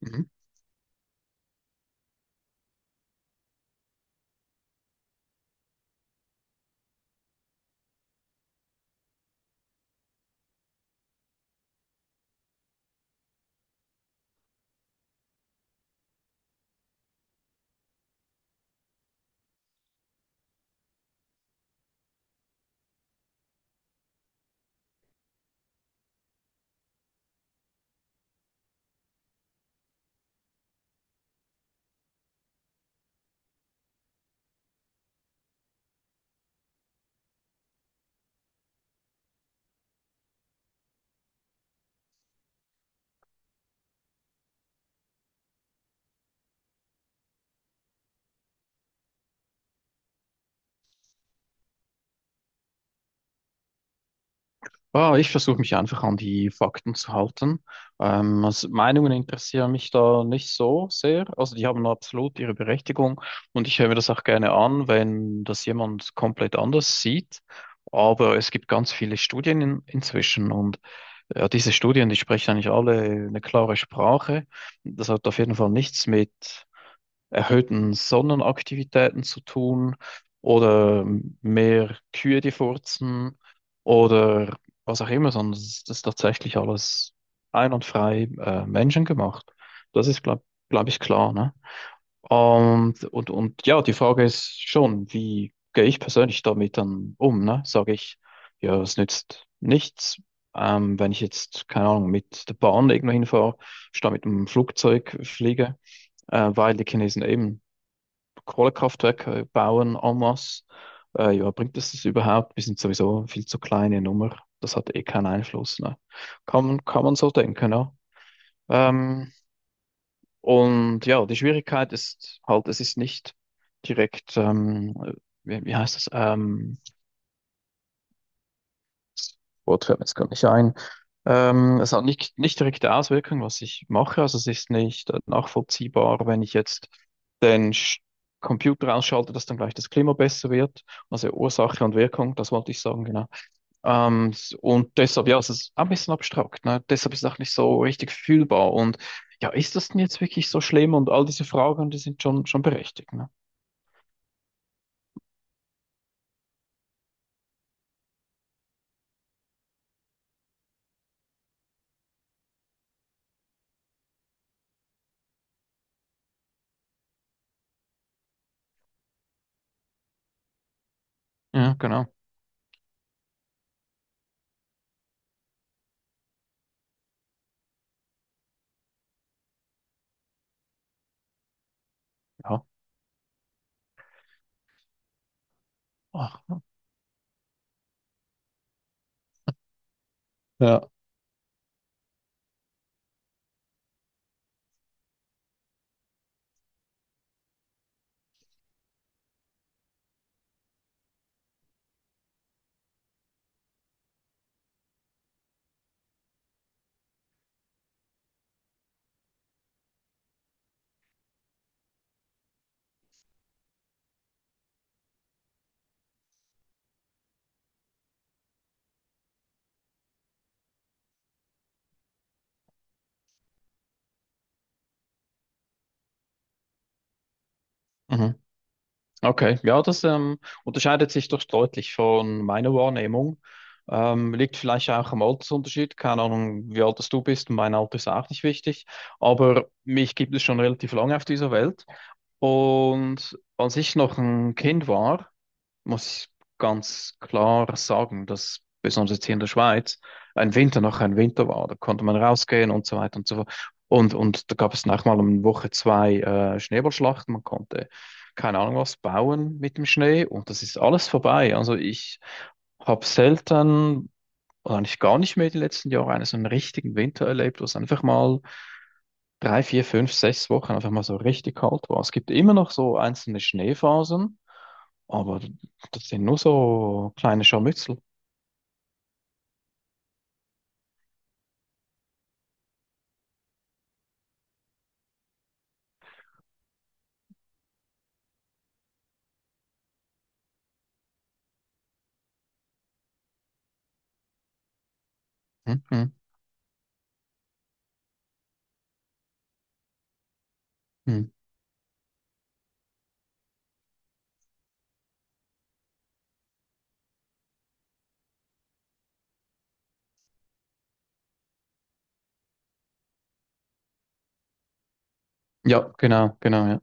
Mhm. Ah, ich versuche mich einfach an die Fakten zu halten. Also Meinungen interessieren mich da nicht so sehr. Also die haben absolut ihre Berechtigung und ich höre mir das auch gerne an, wenn das jemand komplett anders sieht. Aber es gibt ganz viele Studien inzwischen. Und ja, diese Studien, die sprechen eigentlich alle eine klare Sprache. Das hat auf jeden Fall nichts mit erhöhten Sonnenaktivitäten zu tun oder mehr Kühe, die furzen oder was auch immer, sondern es ist tatsächlich alles ein und frei menschengemacht. Das ist, glaub ich, klar, ne? Und ja, die Frage ist schon, wie gehe ich persönlich damit dann um, ne? Sage ich, ja, es nützt nichts. Wenn ich jetzt, keine Ahnung, mit der Bahn irgendwo hinfahre, statt mit dem Flugzeug fliege, weil die Chinesen eben Kohlekraftwerke bauen en masse. Ja, bringt es das überhaupt? Wir sind sowieso viel zu kleine Nummer. Das hat eh keinen Einfluss, ne? Kann man so denken, ja. Ähm, und ja, die Schwierigkeit ist halt, es ist nicht direkt, wie heißt das? Das Wort fällt mir jetzt gar nicht ein. Es hat nicht direkte Auswirkungen, was ich mache. Also es ist nicht nachvollziehbar, wenn ich jetzt den Computer ausschalte, dass dann gleich das Klima besser wird. Also Ursache und Wirkung, das wollte ich sagen, genau. Und deshalb, ja, es ist ein bisschen abstrakt, ne? Deshalb ist es auch nicht so richtig fühlbar. Und ja, ist das denn jetzt wirklich so schlimm? Und all diese Fragen, die sind schon berechtigt, ne? Ja, genau. Ja. Ach, ja. Ja. Mhm. Okay, ja, das unterscheidet sich doch deutlich von meiner Wahrnehmung. Liegt vielleicht auch am Altersunterschied, keine Ahnung, wie alt das du bist, mein Alter ist auch nicht wichtig, aber mich gibt es schon relativ lange auf dieser Welt. Und als ich noch ein Kind war, muss ich ganz klar sagen, dass besonders jetzt hier in der Schweiz ein Winter noch ein Winter war. Da konnte man rausgehen und so weiter und so fort. Und da gab es nachher mal um Woche 2 Schneeballschlachten. Man konnte keine Ahnung was bauen mit dem Schnee und das ist alles vorbei. Also ich habe selten, oder eigentlich gar nicht mehr die letzten Jahre, einen so einen richtigen Winter erlebt, wo es einfach mal 3, 4, 5, 6 Wochen einfach mal so richtig kalt war. Es gibt immer noch so einzelne Schneephasen. Aber das sind nur so kleine Scharmützel. Hm. Hm. Hm. Ja, genau, genau, ja.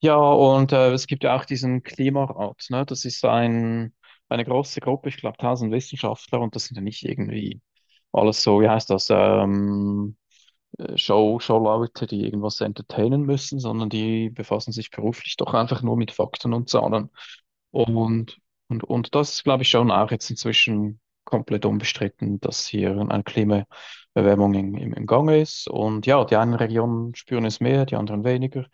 Ja, und es gibt ja auch diesen Klimarat, ne? Das ist eine große Gruppe, ich glaube, 1000 Wissenschaftler, und das sind ja nicht irgendwie alles so, wie heißt das, Showleute, die irgendwas entertainen müssen, sondern die befassen sich beruflich doch einfach nur mit Fakten und Zahlen. Und, und das ist, glaube ich, schon auch jetzt inzwischen komplett unbestritten, dass hier eine Klimaerwärmung im Gange ist. Und ja, die einen Regionen spüren es mehr, die anderen weniger.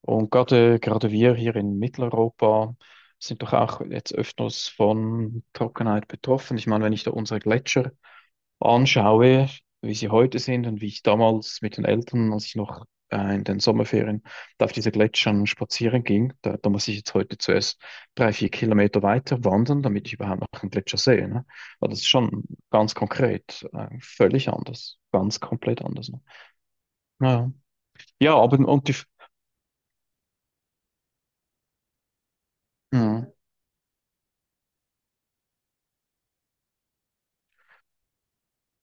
Und gerade wir hier in Mitteleuropa sind doch auch jetzt öfters von Trockenheit betroffen. Ich meine, wenn ich da unsere Gletscher anschaue, wie sie heute sind und wie ich damals mit den Eltern, als ich noch in den Sommerferien da auf diese Gletschern spazieren ging, da muss ich jetzt heute zuerst 3, 4 Kilometer weiter wandern, damit ich überhaupt noch einen Gletscher sehe, ne? Aber das ist schon ganz konkret, völlig anders, ganz komplett anders, ne? Ja, ja, aber und die, hm.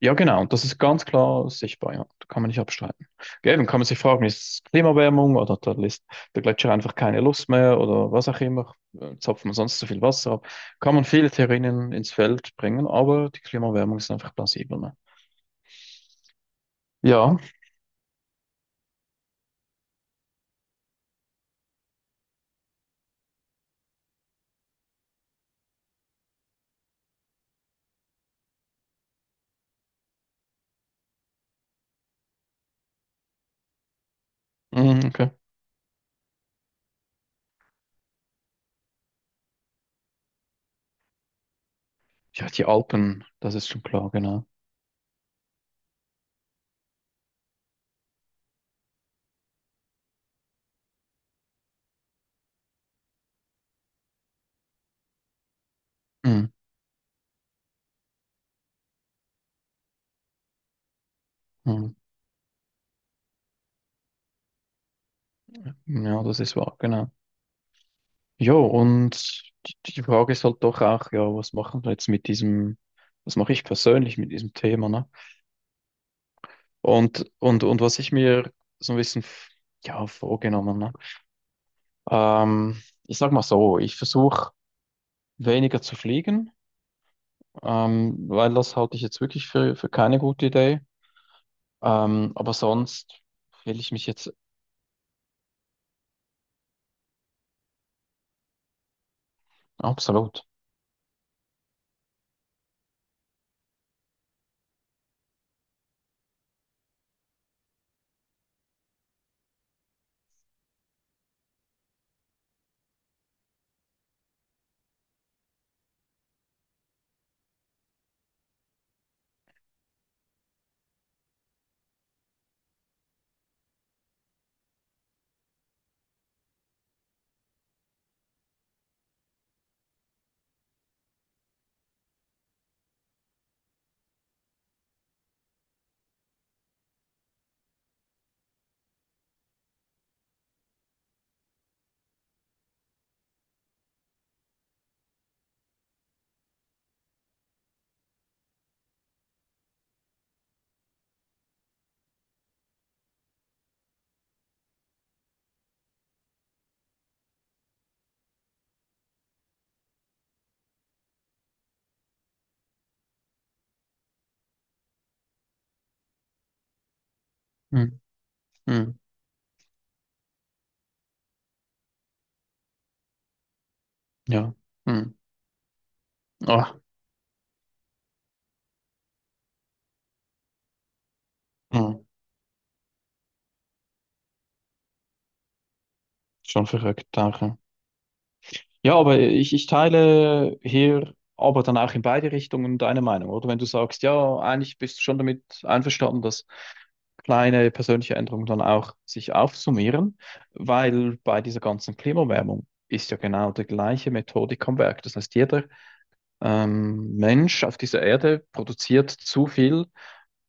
Ja, genau. Und das ist ganz klar sichtbar, ja. Da kann man nicht abstreiten. Eben kann man sich fragen, ist es Klimaerwärmung oder hat der, List, der Gletscher einfach keine Lust mehr oder was auch immer? Zapft man sonst zu viel Wasser ab? Kann man viele Theorien ins Feld bringen, aber die Klimaerwärmung ist einfach plausibel, ne? Ja, mhm, okay. Ja, die Alpen, das ist schon klar, genau. Mhm. Mhm. Ja, das ist wahr, genau. Jo, und die Frage ist halt doch auch, ja, was machen wir jetzt mit diesem, was mache ich persönlich mit diesem Thema, ne? Und was ich mir so ein bisschen, ja, vorgenommen, ne? Ähm, Ich sag mal so, ich versuche weniger zu fliegen, weil das halte ich jetzt wirklich für keine gute Idee. Aber sonst will ich mich jetzt absolut. Hm, hm, ja, hm, ah, hm, schon verrückt, danke. Ja, aber ich teile hier aber dann auch in beide Richtungen deine Meinung, oder? Wenn du sagst, ja, eigentlich bist du schon damit einverstanden, dass kleine persönliche Änderungen dann auch sich aufsummieren, weil bei dieser ganzen Klimaerwärmung ist ja genau die gleiche Methodik am Werk. Das heißt, jeder Mensch auf dieser Erde produziert zu viel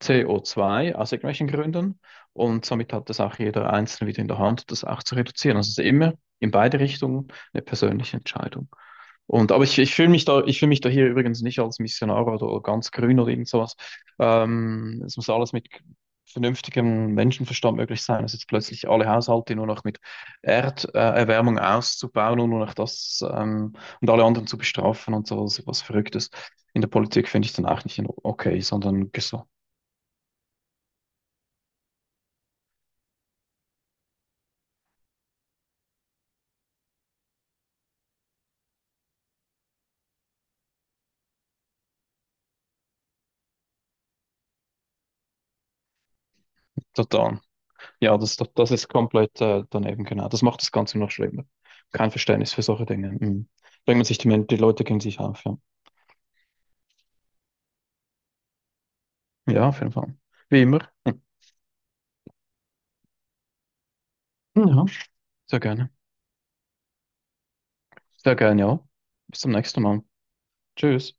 CO2 aus irgendwelchen Gründen, und somit hat das auch jeder Einzelne wieder in der Hand, das auch zu reduzieren. Also es ist immer in beide Richtungen eine persönliche Entscheidung. Und, aber ich ich fühle mich da hier übrigens nicht als Missionar oder ganz grün oder irgend sowas. Es muss alles mit vernünftigem Menschenverstand möglich sein. Also jetzt plötzlich alle Haushalte nur noch mit Erderwärmung auszubauen und nur noch das und alle anderen zu bestrafen und so was, was Verrücktes. In der Politik finde ich dann auch nicht in- okay, sondern gesund. Total. Ja, das ist komplett daneben, genau. Das macht das Ganze noch schlimmer. Kein Verständnis für solche Dinge. Mhm. Bringt man sich die Leute gegen sich auf, ja. Ja, auf jeden Fall. Wie immer. Hm. Ja, sehr gerne. Sehr gerne, ja. Bis zum nächsten Mal. Tschüss.